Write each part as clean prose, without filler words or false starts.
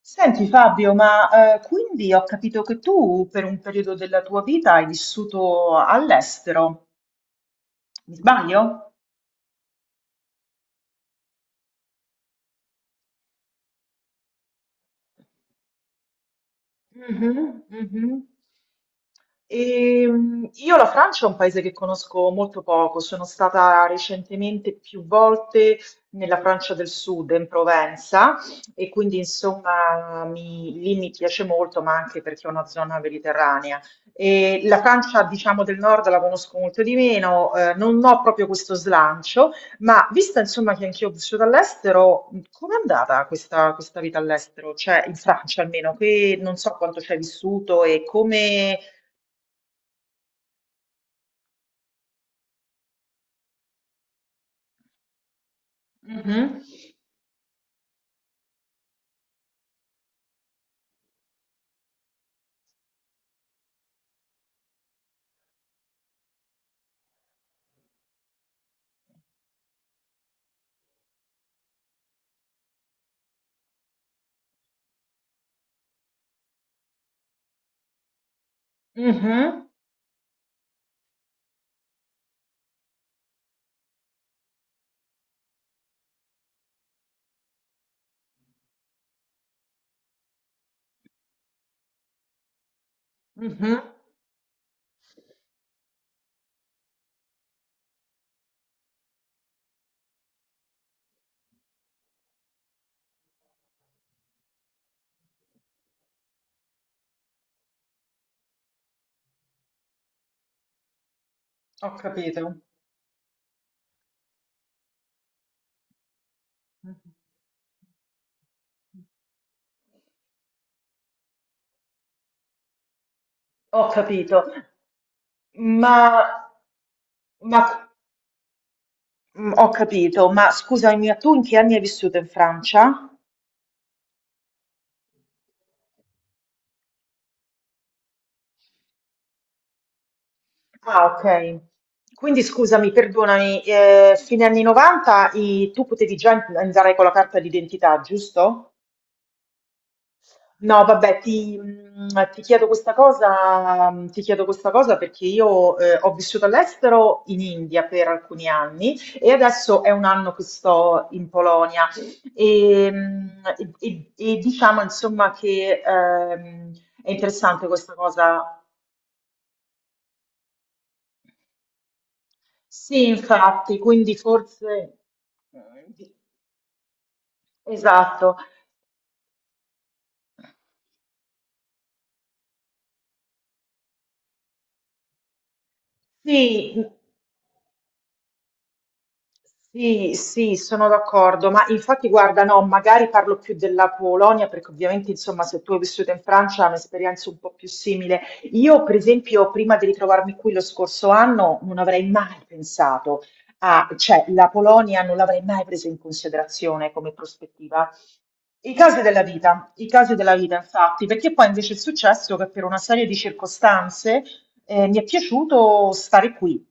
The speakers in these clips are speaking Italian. Senti Fabio, ma quindi ho capito che tu per un periodo della tua vita hai vissuto all'estero, mi sbaglio? Mhm, mhm. Io la Francia è un paese che conosco molto poco, sono stata recentemente più volte nella Francia del Sud, in Provenza, e quindi insomma lì mi piace molto, ma anche perché è una zona mediterranea. E la Francia, diciamo, del nord la conosco molto di meno, non ho proprio questo slancio, ma vista insomma che anch'io ho vissuto all'estero, com'è andata questa vita all'estero? Cioè in Francia almeno, che non so quanto ci hai vissuto e come... Mhm, mhm, mhm. Ho capito, ho capito. Ma, ma- Ho capito, ma scusami, ma tu in che anni hai vissuto in Francia? Ah, ok. Quindi scusami, perdonami, fine anni 90 tu potevi già andare con la carta d'identità, giusto? No, vabbè, ti chiedo questa cosa perché io ho vissuto all'estero in India per alcuni anni e adesso è un anno che sto in Polonia e, diciamo insomma che è interessante questa cosa. Sì, infatti, quindi forse... Esatto. Sì, sì, sì, sono d'accordo, ma infatti guarda, no, magari parlo più della Polonia perché ovviamente, insomma, se tu hai vissuto in Francia è un'esperienza un po' più simile. Io, per esempio, prima di ritrovarmi qui lo scorso anno, non avrei mai pensato a, cioè, la Polonia non l'avrei mai presa in considerazione come prospettiva. I casi della vita, i casi della vita, infatti, perché poi invece è successo che per una serie di circostanze mi è piaciuto stare qui.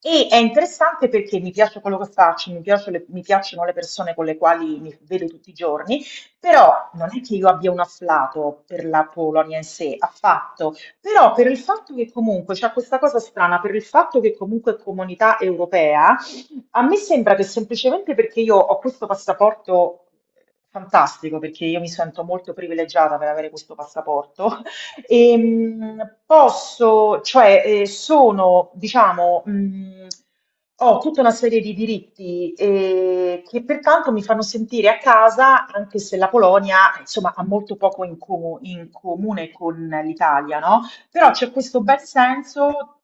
E è interessante perché mi piace quello che faccio, mi piacciono le persone con le quali mi vedo tutti i giorni, però non è che io abbia un afflato per la Polonia in sé, affatto, però per il fatto che comunque c'è questa cosa strana, per il fatto che comunque è comunità europea, a me sembra che semplicemente perché io ho questo passaporto fantastico, perché io mi sento molto privilegiata per avere questo passaporto. Ehm, Sono, diciamo, ho tutta una serie di diritti che pertanto mi fanno sentire a casa, anche se la Polonia, insomma, ha molto poco in comune con l'Italia, no? Però c'è questo bel senso.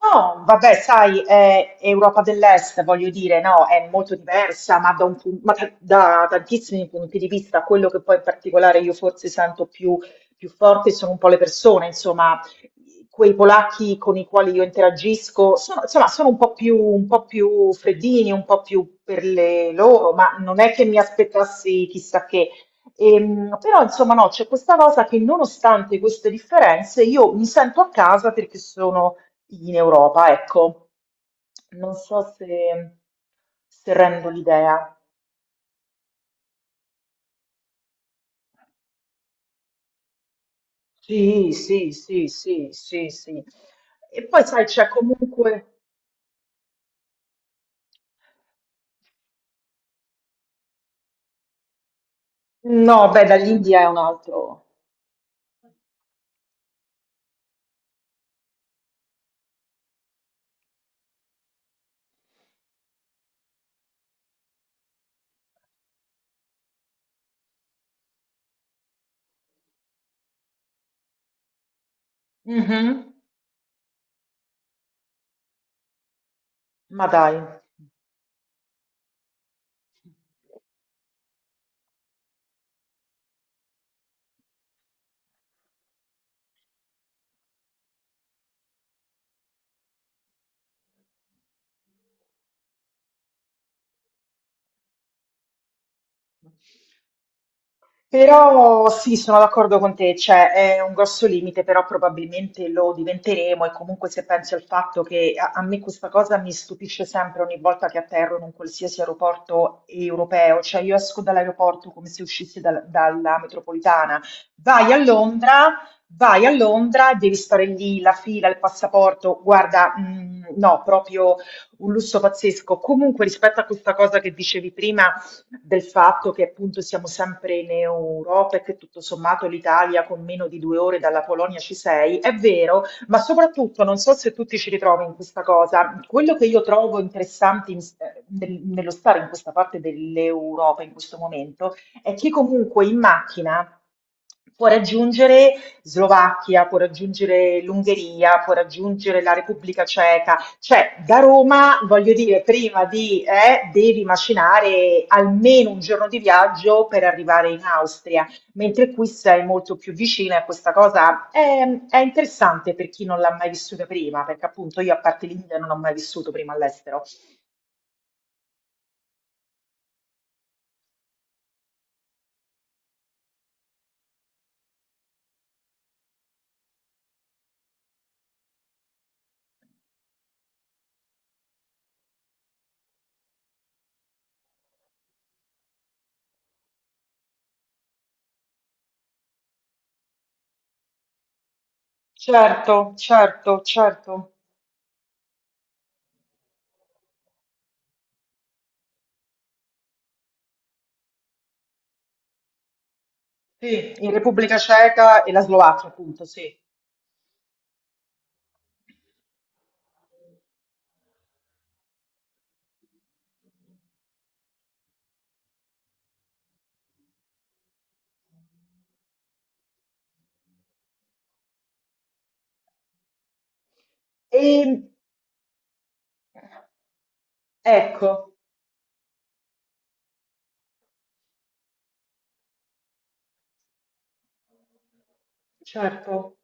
No, vabbè, sai, è Europa dell'Est, voglio dire, no, è molto diversa, ma, da, un pun- ma da- da tantissimi punti di vista, quello che poi in particolare io forse sento più, più forte sono un po' le persone, insomma, quei polacchi con i quali io interagisco, sono un po' più freddini, un po' più per le loro, ma non è che mi aspettassi chissà che. Però insomma no, c'è questa cosa che nonostante queste differenze io mi sento a casa perché sono in Europa, ecco, non so se, se rendo l'idea. Sì, sì, sì, sì, sì, sì. E poi sai, c'è comunque... No, beh, dall'India è un altro. Mhm. Ma dai. Però sì, sono d'accordo con te, cioè è un grosso limite, però probabilmente lo diventeremo e comunque se pensi al fatto che a me questa cosa mi stupisce sempre ogni volta che atterro in un qualsiasi aeroporto europeo, cioè io esco dall'aeroporto come se uscissi dalla metropolitana, vai a Londra, vai a Londra, devi stare lì, la fila, il passaporto, guarda, no, proprio un lusso pazzesco. Comunque rispetto a questa cosa che dicevi prima, del fatto che appunto siamo sempre in Europa e che tutto sommato l'Italia con meno di 2 ore dalla Polonia ci sei, è vero, ma soprattutto non so se tu ti ci ritrovi in questa cosa, quello che io trovo interessante nello stare in questa parte dell'Europa in questo momento è che comunque in macchina può raggiungere Slovacchia, può raggiungere l'Ungheria, può raggiungere la Repubblica Ceca, cioè, da Roma, voglio dire, prima di, devi macinare almeno un giorno di viaggio per arrivare in Austria, mentre qui sei molto più vicina e questa cosa è interessante per chi non l'ha mai vissuta prima, perché appunto io a parte l'India non ho mai vissuto prima all'estero. Certo, certo, certo. Sì, in Repubblica Ceca e la Slovacchia, appunto, sì. E ecco, certo.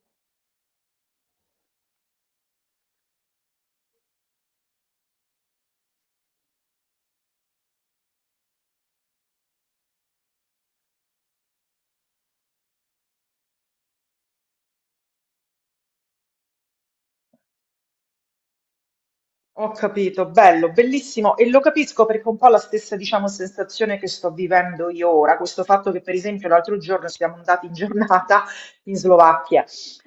Ho capito, bello, bellissimo e lo capisco perché è un po' la stessa, diciamo, sensazione che sto vivendo io ora, questo fatto che per esempio l'altro giorno siamo andati in giornata in Slovacchia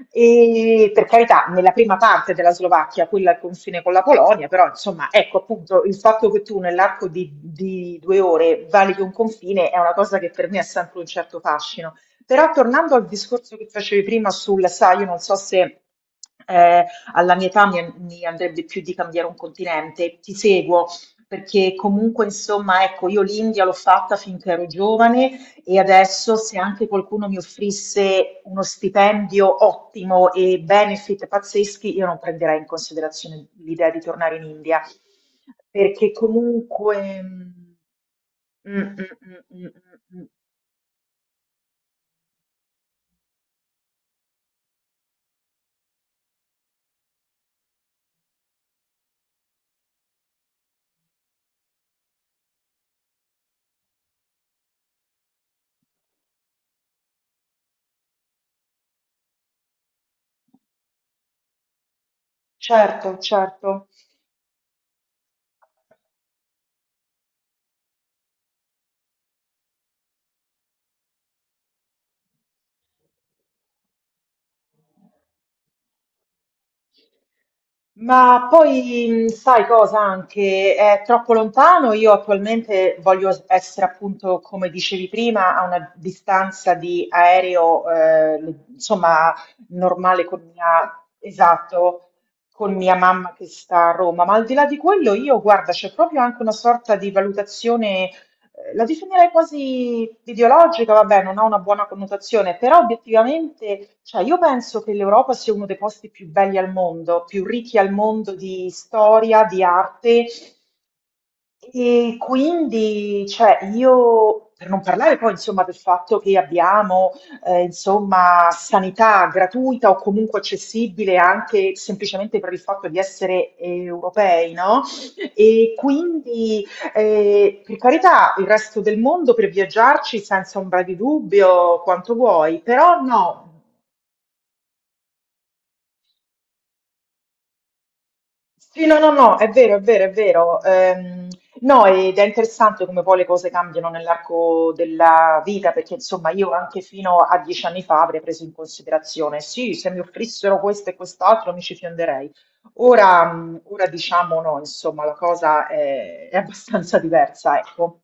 e per carità, nella prima parte della Slovacchia, quella al confine con la Polonia, però insomma, ecco appunto il fatto che tu nell'arco di 2 ore valichi un confine è una cosa che per me ha sempre un certo fascino. Però tornando al discorso che facevi prima sul, sai, io non so se... eh, alla mia età mi andrebbe più di cambiare un continente. Ti seguo perché comunque, insomma, ecco, io l'India l'ho fatta finché ero giovane e adesso se anche qualcuno mi offrisse uno stipendio ottimo e benefit pazzeschi, io non prenderei in considerazione l'idea di tornare in India, perché comunque... Mm, mm, mm, mm, mm, mm, mm, certo, certo. Ma poi sai cosa anche? È troppo lontano. Io attualmente voglio essere appunto, come dicevi prima, a una distanza di aereo, insomma, normale con mia, esatto, con mia mamma che sta a Roma. Ma al di là di quello, io guarda, c'è proprio anche una sorta di valutazione la definirei quasi ideologica, vabbè, non ha una buona connotazione, però obiettivamente, cioè, io penso che l'Europa sia uno dei posti più belli al mondo, più ricchi al mondo di storia, di arte e quindi, cioè, io, per non parlare poi, insomma, del fatto che abbiamo, insomma, sanità gratuita o comunque accessibile anche semplicemente per il fatto di essere europei, no? E quindi, per carità, il resto del mondo per viaggiarci senza ombra di dubbio, quanto vuoi, però no. Sì, no, no, no, è vero, è vero, è vero. No, ed è interessante come poi le cose cambiano nell'arco della vita, perché insomma io anche fino a 10 anni fa avrei preso in considerazione, sì, se mi offrissero questo e quest'altro mi ci fionderei. Ora, ora diciamo no, insomma, la cosa è abbastanza diversa, ecco.